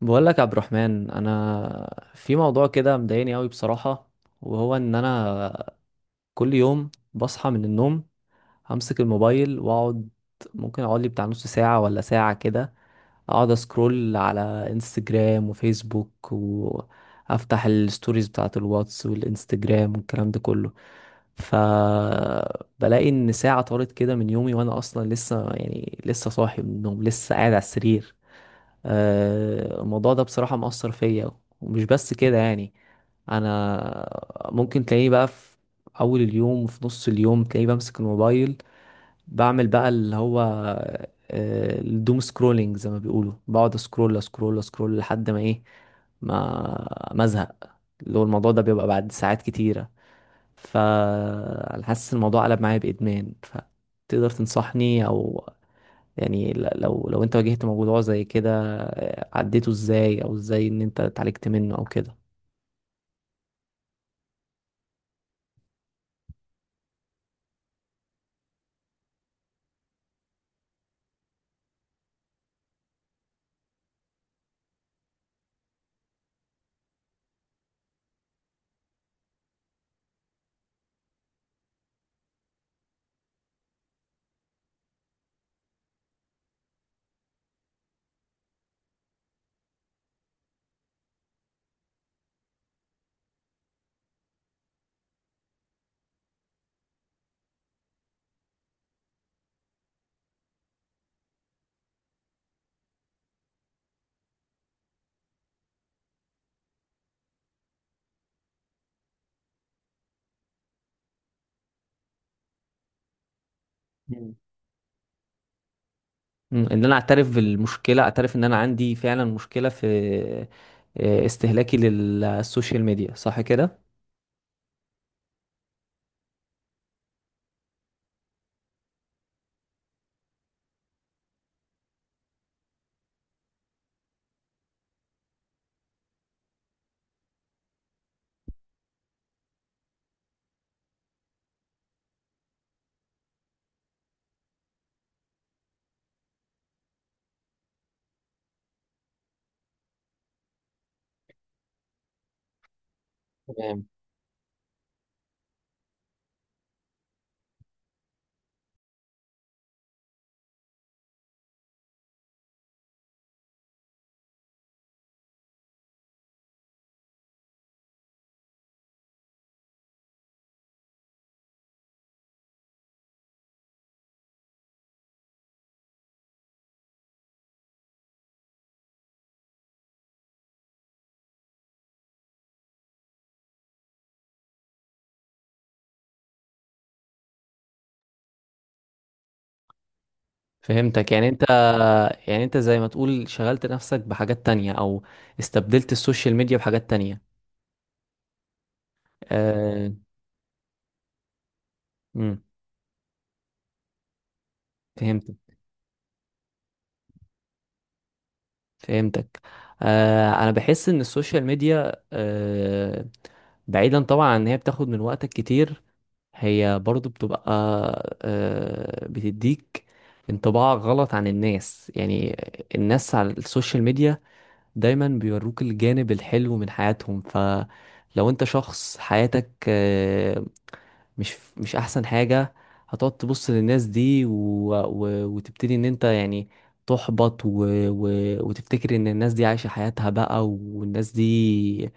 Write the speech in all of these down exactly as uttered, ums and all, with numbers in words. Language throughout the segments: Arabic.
بقول لك يا عبد الرحمن، انا في موضوع كده مضايقني قوي بصراحة، وهو ان انا كل يوم بصحى من النوم همسك الموبايل واقعد، ممكن اقعد لي بتاع نص ساعة ولا ساعة كده، اقعد اسكرول على انستجرام وفيسبوك، وافتح الستوريز بتاعت الواتس والانستجرام والكلام ده كله. فبلاقي ان ساعة طارت كده من يومي، وانا اصلا لسه يعني لسه صاحي من النوم، لسه قاعد على السرير. آه، الموضوع ده بصراحة مأثر فيا، ومش بس كده يعني. انا ممكن تلاقيني بقى في اول اليوم وفي نص اليوم تلاقيني بمسك الموبايل، بعمل بقى اللي هو آه، الدوم سكرولينج زي ما بيقولوا، بقعد اسكرول اسكرول اسكرول لحد ما ايه، ما ما ازهق، اللي هو الموضوع ده بيبقى بعد ساعات كتيرة. فأنا حاسس الموضوع قلب معايا بإدمان، فتقدر تنصحني أو يعني ل- لو لو انت واجهت موضوع زي كده آه، عديته ازاي، او ازاي ان انت اتعالجت منه او كده؟ مم. مم، ان انا اعترف بالمشكله، اعترف ان انا عندي فعلا مشكله في آه، استهلاكي للسوشيال ميديا، صح كده. تمام، فهمتك. يعني انت يعني انت زي ما تقول شغلت نفسك بحاجات تانية او استبدلت السوشيال ميديا بحاجات تانية. آه. امم، فهمتك. آه انا بحس ان السوشيال ميديا آه بعيدا طبعا عن ان هي بتاخد من وقتك كتير، هي برضو بتبقى آه بتديك انطباع غلط عن الناس يعني. الناس على السوشيال ميديا دايما بيوروك الجانب الحلو من حياتهم، فلو انت شخص حياتك آه، مش مش احسن حاجة، هتقعد تبص للناس دي و... و... وتبتدي ان انت يعني تحبط، و... و... وتفتكر ان الناس دي عايشة حياتها بقى، والناس دي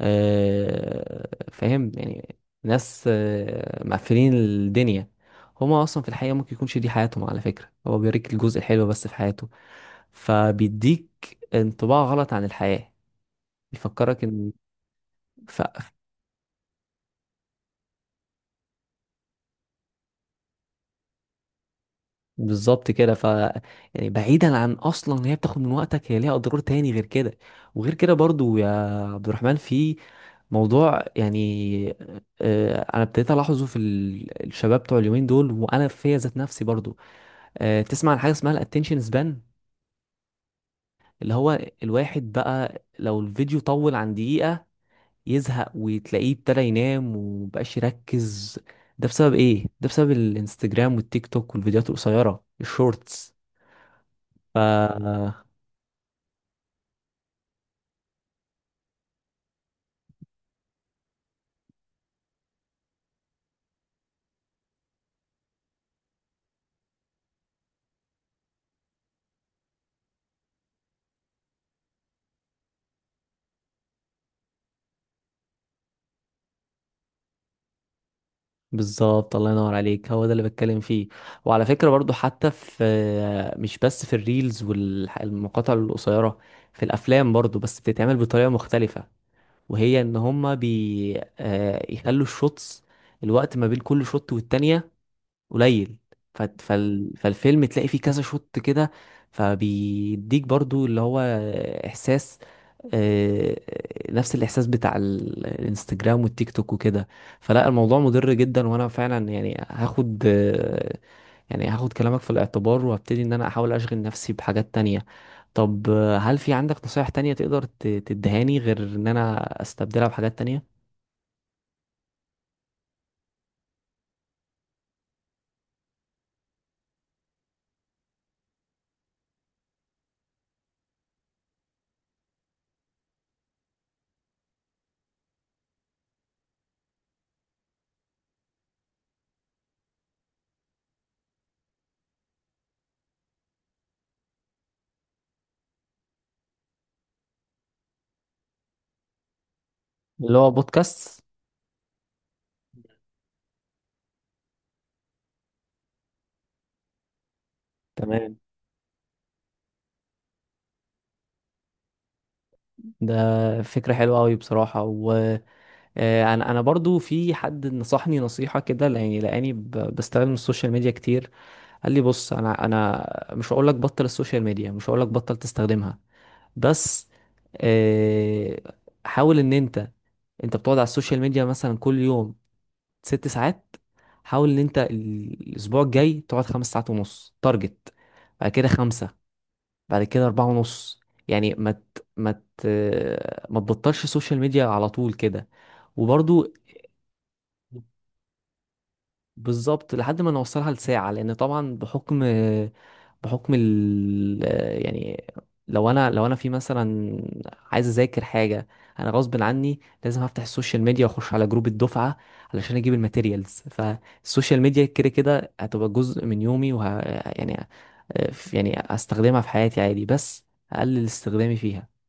آه، فاهم يعني، ناس آه، مقفلين الدنيا، هما اصلا في الحقيقة ممكن يكونش دي حياتهم. على فكرة هو بيوريك الجزء الحلو بس في حياته، فبيديك انطباع غلط عن الحياة، بيفكرك ان ف... بالظبط كده. ف يعني بعيدا عن اصلا إن هي بتاخد من وقتك، هي ليها اضرار تاني غير كده. وغير كده برضو يا عبد الرحمن في موضوع يعني آه، انا ابتديت الاحظه في ال- الشباب بتوع اليومين دول، وانا فيا ذات نفسي برضو. آه، تسمع عن حاجه اسمها الاتنشن سبان، اللي هو الواحد بقى لو الفيديو طول عن دقيقه يزهق، وتلاقيه ابتدى ينام ومبقاش يركز. ده بسبب ايه؟ ده بسبب الانستجرام والتيك توك والفيديوهات القصيره الشورتس. ف بالظبط، الله ينور عليك، هو ده اللي بتكلم فيه. وعلى فكرة برضو حتى في، مش بس في الريلز والمقاطع القصيرة، في الأفلام برضو، بس بتتعمل بطريقة مختلفة، وهي إن هما بي آه، يخلوا الشوتس، الوقت ما بين كل شوت والتانية قليل، ف- فال- فالفيلم تلاقي فيه كذا شوت كده، فبيديك برضو اللي هو إحساس، آه، نفس الإحساس بتاع ال- الانستجرام والتيك توك وكده. فلا الموضوع مضر جدا، وأنا فعلا يعني هاخد آه، يعني هاخد كلامك في الاعتبار، وهبتدي إن أنا أحاول أشغل نفسي بحاجات تانية. طب آه، هل في عندك نصايح تانية تقدر ت- تدهاني غير إن أنا أستبدلها بحاجات تانية؟ اللي هو بودكاست. تمام، ده فكرة حلوة أوي بصراحة. وأنا أنا أنا برضو في حد نصحني نصيحة كده، يعني لأني ب- بستخدم السوشيال ميديا كتير. قال لي بص، انا انا مش هقول لك بطل السوشيال ميديا، مش هقول لك بطل تستخدمها، بس آه، حاول ان انت، انت بتقعد على السوشيال ميديا مثلا كل يوم ست ساعات، حاول ان انت ال- الاسبوع الجاي تقعد خمس ساعات ونص تارجت، بعد كده خمسة، بعد كده أربعة ونص، يعني ما ت... ما ت... ما تبطلش السوشيال ميديا على طول كده. وبرضو بالظبط، لحد ما نوصلها لساعة، لأن طبعا بحكم بحكم ال يعني، لو أنا لو أنا في مثلا عايز أذاكر حاجة، أنا غصب عني لازم أفتح السوشيال ميديا وأخش على جروب الدفعة علشان أجيب الماتيريالز، فالسوشيال ميديا كده كده هتبقى جزء من يومي، وه يعني يعني هستخدمها في حياتي عادي، بس أقلل استخدامي فيها.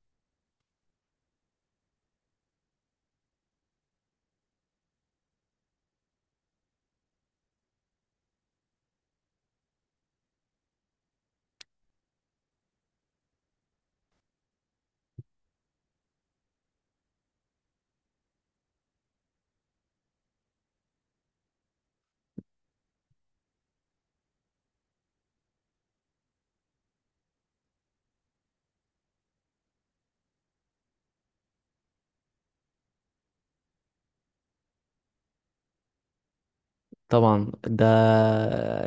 طبعا ده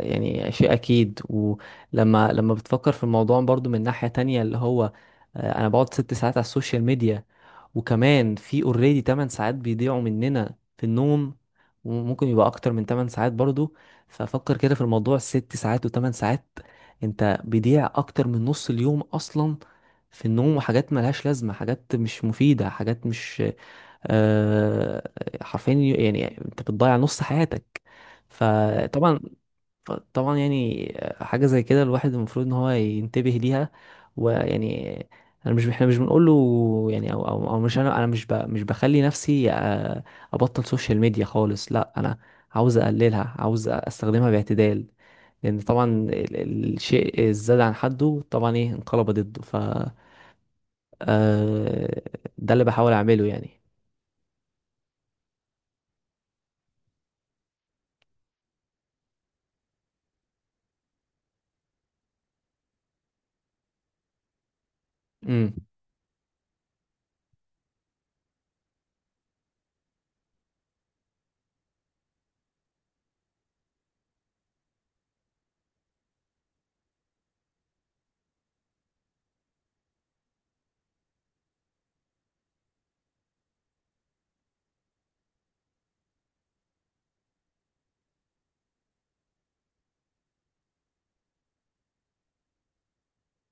يعني شيء اكيد. ولما لما بتفكر في الموضوع برضو من ناحية تانية اللي هو آه، انا بقعد ست ساعات على السوشيال ميديا، وكمان في اوريدي تمانية ساعات بيضيعوا مننا في النوم، وممكن يبقى اكتر من ثماني ساعات برضو. ففكر كده في الموضوع، ست ساعات وتمن ساعات، انت بيضيع اكتر من نص اليوم اصلا في النوم وحاجات ملهاش لازمة، حاجات مش مفيدة، حاجات مش آه، حرفيا، يعني انت بتضيع نص حياتك. فطبعا طبعا يعني حاجة زي كده الواحد المفروض ان هو ينتبه ليها. ويعني انا مش احنا مش بنقول له يعني، او او, أو مش، انا انا مش ب مش بخلي نفسي آه، ابطل سوشيال ميديا خالص، لا، انا عاوز اقللها، عاوز استخدمها باعتدال. لان طبعا ال- ال- الشيء الزاد عن حده طبعا ايه، انقلب ضده. ف آه، ده اللي بحاول اعمله يعني. امم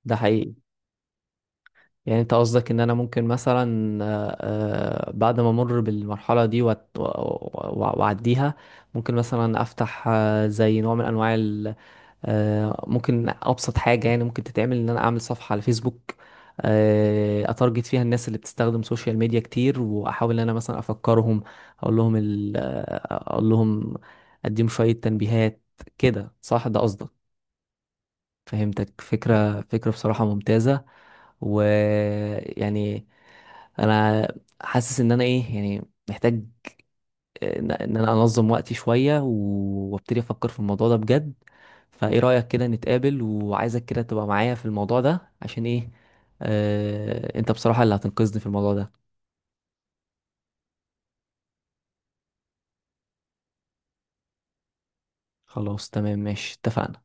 ده حقيقي. يعني انت قصدك ان انا ممكن مثلا آه، آه، بعد ما امر بالمرحله دي وأت- و- و- واعديها، ممكن مثلا افتح آه، زي نوع من انواع ال- آه، ممكن ابسط حاجه يعني ممكن تتعمل ان انا اعمل صفحه على فيسبوك، آه، اتارجت فيها الناس اللي بتستخدم سوشيال ميديا كتير، واحاول ان انا مثلا افكرهم، اقول لهم ال- آه، اقول لهم اديهم شويه تنبيهات كده، صح، ده قصدك؟ فهمتك، فكرة فكرة بصراحة ممتازة. ويعني انا حاسس ان انا ايه يعني محتاج، ان إن انا انظم وقتي شوية، و- وابتدي افكر في الموضوع ده بجد. فايه رأيك كده نتقابل؟ وعايزك كده تبقى معايا في الموضوع ده عشان ايه، آه انت بصراحة اللي هتنقذني في الموضوع ده. خلاص، تمام، ماشي، اتفقنا.